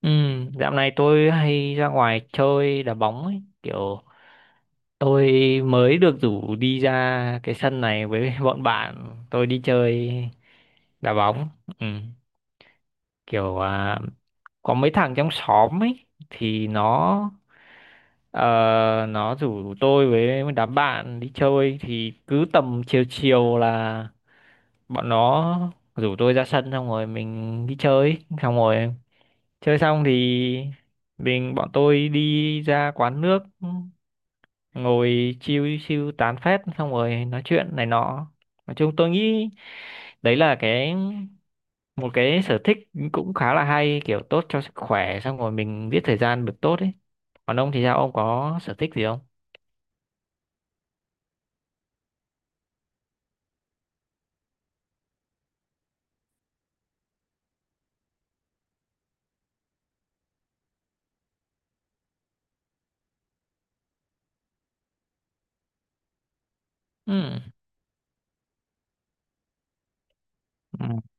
Ừ, dạo này tôi hay ra ngoài chơi đá bóng ấy. Kiểu tôi mới được rủ đi ra cái sân này với bọn bạn. Tôi đi chơi đá bóng. Ừ, kiểu à, có mấy thằng trong xóm ấy thì nó ờ, nó rủ tôi với đám bạn đi chơi thì cứ tầm chiều chiều là bọn nó rủ tôi ra sân xong rồi mình đi chơi xong rồi chơi xong thì bọn tôi đi ra quán nước ngồi chill chill tán phét xong rồi nói chuyện này nọ. Nói chung tôi nghĩ đấy là một cái sở thích cũng khá là hay, kiểu tốt cho sức khỏe xong rồi mình giết thời gian được tốt ấy. Còn ông thì sao, ông có sở thích gì không? Ừ. Ừ.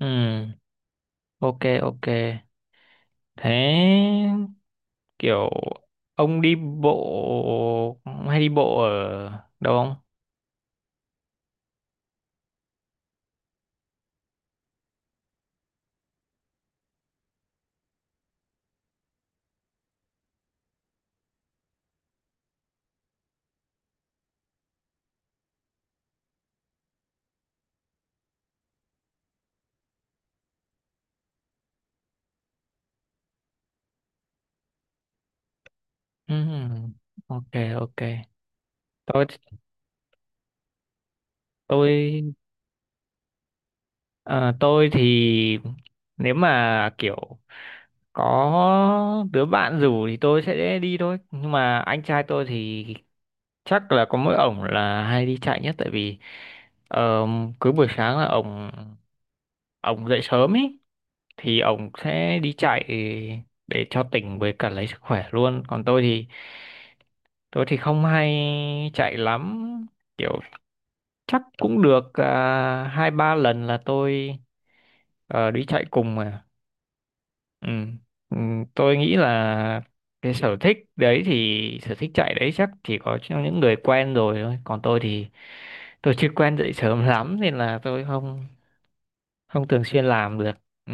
Ừ. Ok, ok. Thế kiểu ông đi bộ hay đi bộ ở đâu? Ừm, ok, ok. Tôi tôi ờ, tôi thì nếu mà kiểu có đứa bạn rủ thì tôi sẽ đi thôi, nhưng mà anh trai tôi thì chắc là có mỗi ổng là hay đi chạy nhất, tại vì ờ, cứ buổi sáng là ổng ổng dậy sớm ấy thì ổng sẽ đi chạy để cho tỉnh với cả lấy sức khỏe luôn. Còn tôi thì không hay chạy lắm, kiểu chắc cũng được à, hai ba lần là tôi đi chạy cùng mà. Ừ. Ừ, tôi nghĩ là cái sở thích đấy, thì sở thích chạy đấy chắc chỉ có cho những người quen rồi thôi. Còn tôi thì tôi chưa quen dậy sớm lắm nên là tôi không không thường xuyên làm được. Ừ.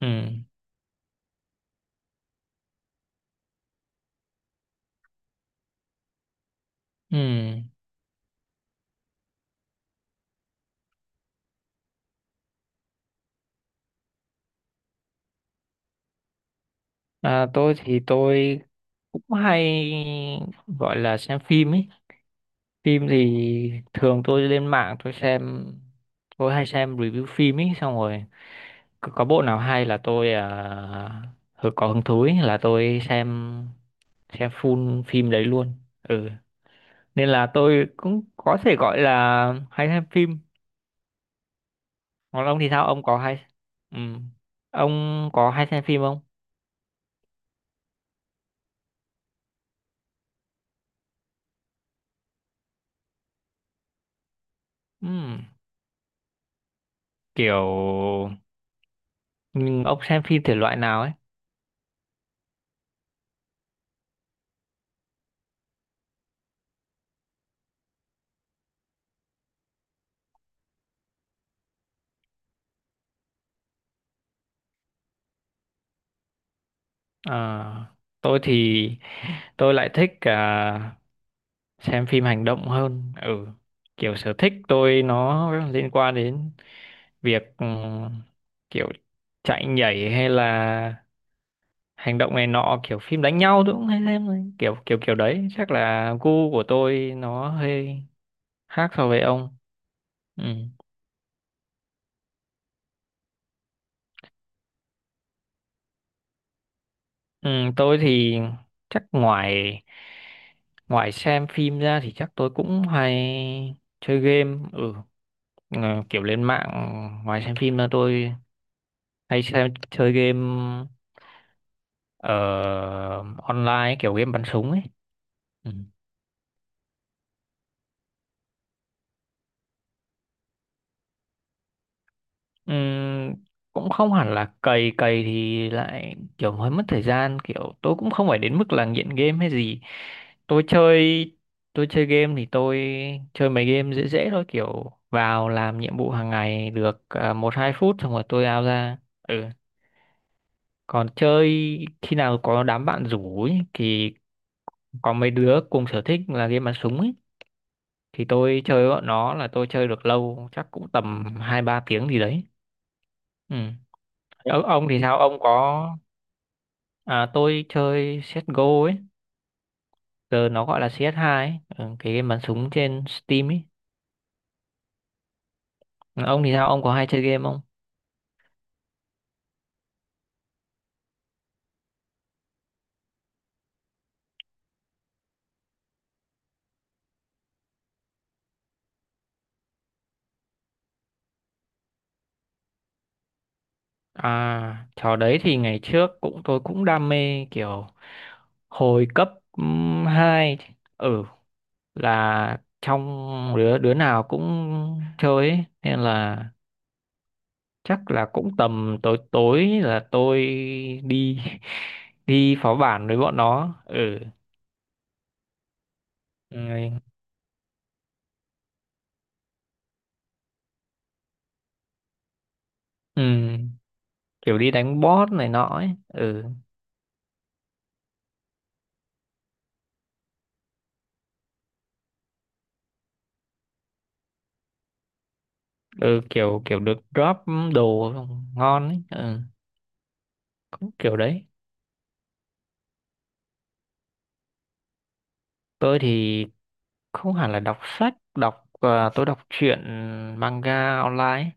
Ừ. Ừ. À, tôi thì tôi cũng hay gọi là xem phim ấy. Phim thì thường tôi lên mạng tôi xem, tôi hay xem review phim ấy, xong rồi có bộ nào hay là tôi có hứng thú ý, là tôi xem full phim đấy luôn. Ừ, nên là tôi cũng có thể gọi là hay xem phim. Còn ông thì sao, ông có hay, ừ, ông có hay xem phim không? Ừ. Kiểu nhưng ông xem phim thể loại nào ấy? Ờ, tôi thì tôi lại thích à, xem phim hành động hơn. Ừ, kiểu sở thích tôi nó liên quan đến việc kiểu chạy nhảy hay là hành động này nọ, kiểu phim đánh nhau tôi cũng hay xem này. Kiểu kiểu kiểu đấy chắc là gu của tôi nó hơi khác so với ông. Ừ. Ừ, tôi thì chắc ngoài ngoài xem phim ra thì chắc tôi cũng hay chơi game. Ừ. Ờ, kiểu lên mạng, ngoài xem phim ra tôi hay xem chơi game ờ, online, kiểu game bắn súng ấy. Ừ. Ừm, cũng không hẳn là cày, cày thì lại kiểu hơi mất thời gian, kiểu tôi cũng không phải đến mức là nghiện game hay gì. Tôi chơi tôi chơi game thì tôi chơi mấy game dễ dễ thôi, kiểu vào làm nhiệm vụ hàng ngày được à, một hai phút xong rồi tôi out ra. Ừ, còn chơi khi nào có đám bạn rủ ấy, thì có mấy đứa cùng sở thích là game bắn súng ấy, thì tôi chơi bọn nó là tôi chơi được lâu, chắc cũng tầm hai ba tiếng gì đấy. Ừ. Ô- ông thì sao ông có, à, tôi chơi CSGO ấy, giờ nó gọi là cs hai ấy. Ừ, cái game bắn súng trên Steam ấy. Ừ, ông thì sao ông có hay chơi game không? À, trò đấy thì ngày trước cũng tôi cũng đam mê, kiểu hồi cấp hai. Ừ, là trong đứa đứa nào cũng chơi ấy, nên là chắc là cũng tầm tối tối là tôi đi đi phó bản với bọn nó. Ừ. Rồi, ừ, kiểu đi đánh boss này nọ ấy. Ừ. Ừ, kiểu kiểu được drop đồ ngon ấy. Ừ, cũng kiểu đấy. Tôi thì không hẳn là đọc sách, đọc à, tôi đọc truyện manga online ấy.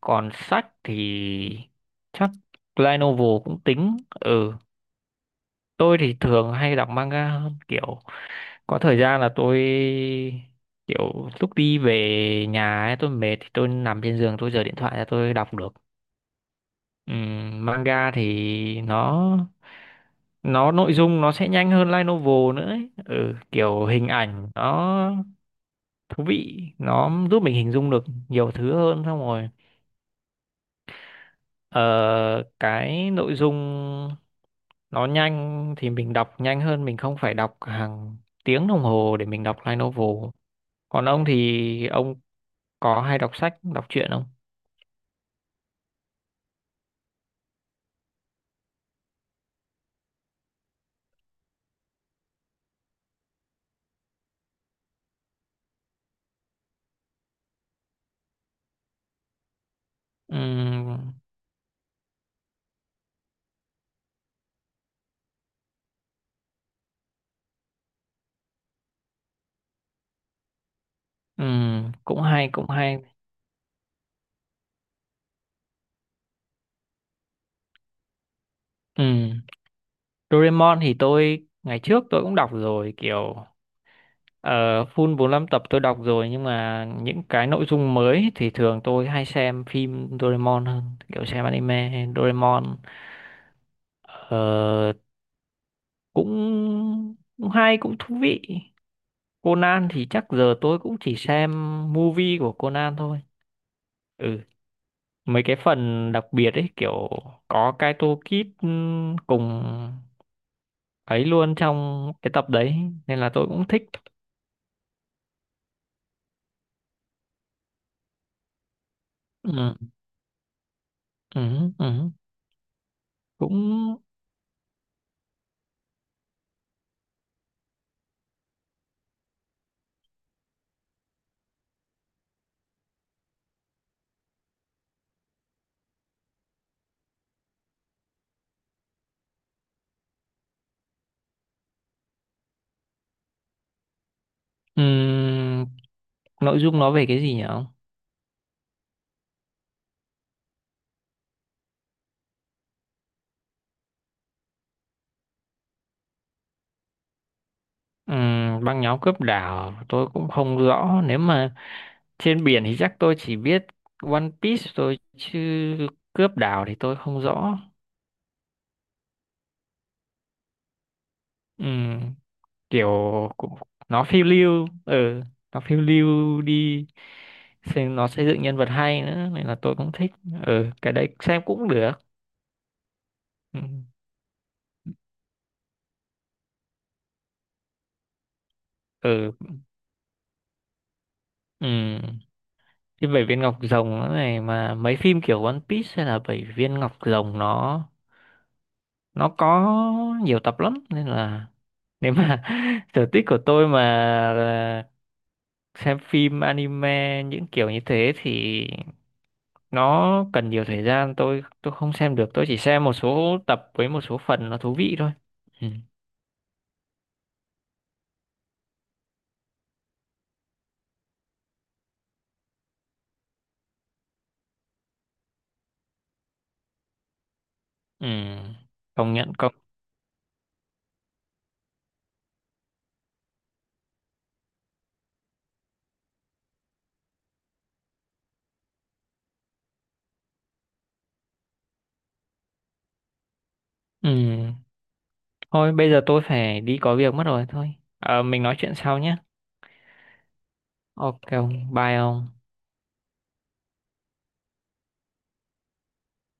Còn sách thì chắc light novel cũng tính. Ừ, tôi thì thường hay đọc manga hơn, kiểu có thời gian là tôi kiểu lúc đi về nhà ấy, tôi mệt thì tôi nằm trên giường tôi giở điện thoại ra tôi đọc được. Manga thì nó nội dung nó sẽ nhanh hơn light novel nữa ấy. Ừ, kiểu hình ảnh nó thú vị, nó giúp mình hình dung được nhiều thứ hơn, xong rồi ờ, cái nội dung nó nhanh thì mình đọc nhanh hơn, mình không phải đọc hàng tiếng đồng hồ để mình đọc light novel. Còn ông thì ông có hay đọc sách đọc truyện không? Ừm, cũng hay cũng hay. Ừm, Doraemon thì tôi ngày trước tôi cũng đọc rồi, kiểu ờ, full 45 tập tôi đọc rồi, nhưng mà những cái nội dung mới thì thường tôi hay xem phim Doraemon hơn, kiểu xem anime Doraemon. Ờ, cũng cũng hay cũng thú vị. Conan thì chắc giờ tôi cũng chỉ xem movie của Conan thôi. Ừ, mấy cái phần đặc biệt ấy, kiểu có cái toolkit cùng ấy luôn trong cái tập đấy, nên là tôi cũng thích. Ừ, ừ, ừ. Cũng ừm, nội dung nó về cái gì nhỉ ông? Băng nhóm cướp đảo tôi cũng không rõ, nếu mà trên biển thì chắc tôi chỉ biết One Piece thôi, chứ cướp đảo thì tôi không rõ. Ừ. Kiểu cũng nó phiêu lưu, ừ, nó phiêu lưu đi, xem nó xây dựng nhân vật hay nữa nên là tôi cũng thích. Ừ, cái đấy xem cũng được. Ừ. Ừ. Ừ. Cái bảy viên ngọc rồng nó này, mà mấy phim kiểu One Piece hay là bảy viên ngọc rồng nó có nhiều tập lắm nên là nếu mà sở thích của tôi mà là xem phim anime những kiểu như thế thì nó cần nhiều thời gian, tôi không xem được, tôi chỉ xem một số tập với một số phần nó thú vị thôi. Ừ. Ừ. Công nhận, công. Ừ. Thôi bây giờ tôi phải đi có việc mất rồi, thôi. Ờ, mình nói chuyện sau nhé. Ok, ông bye ông.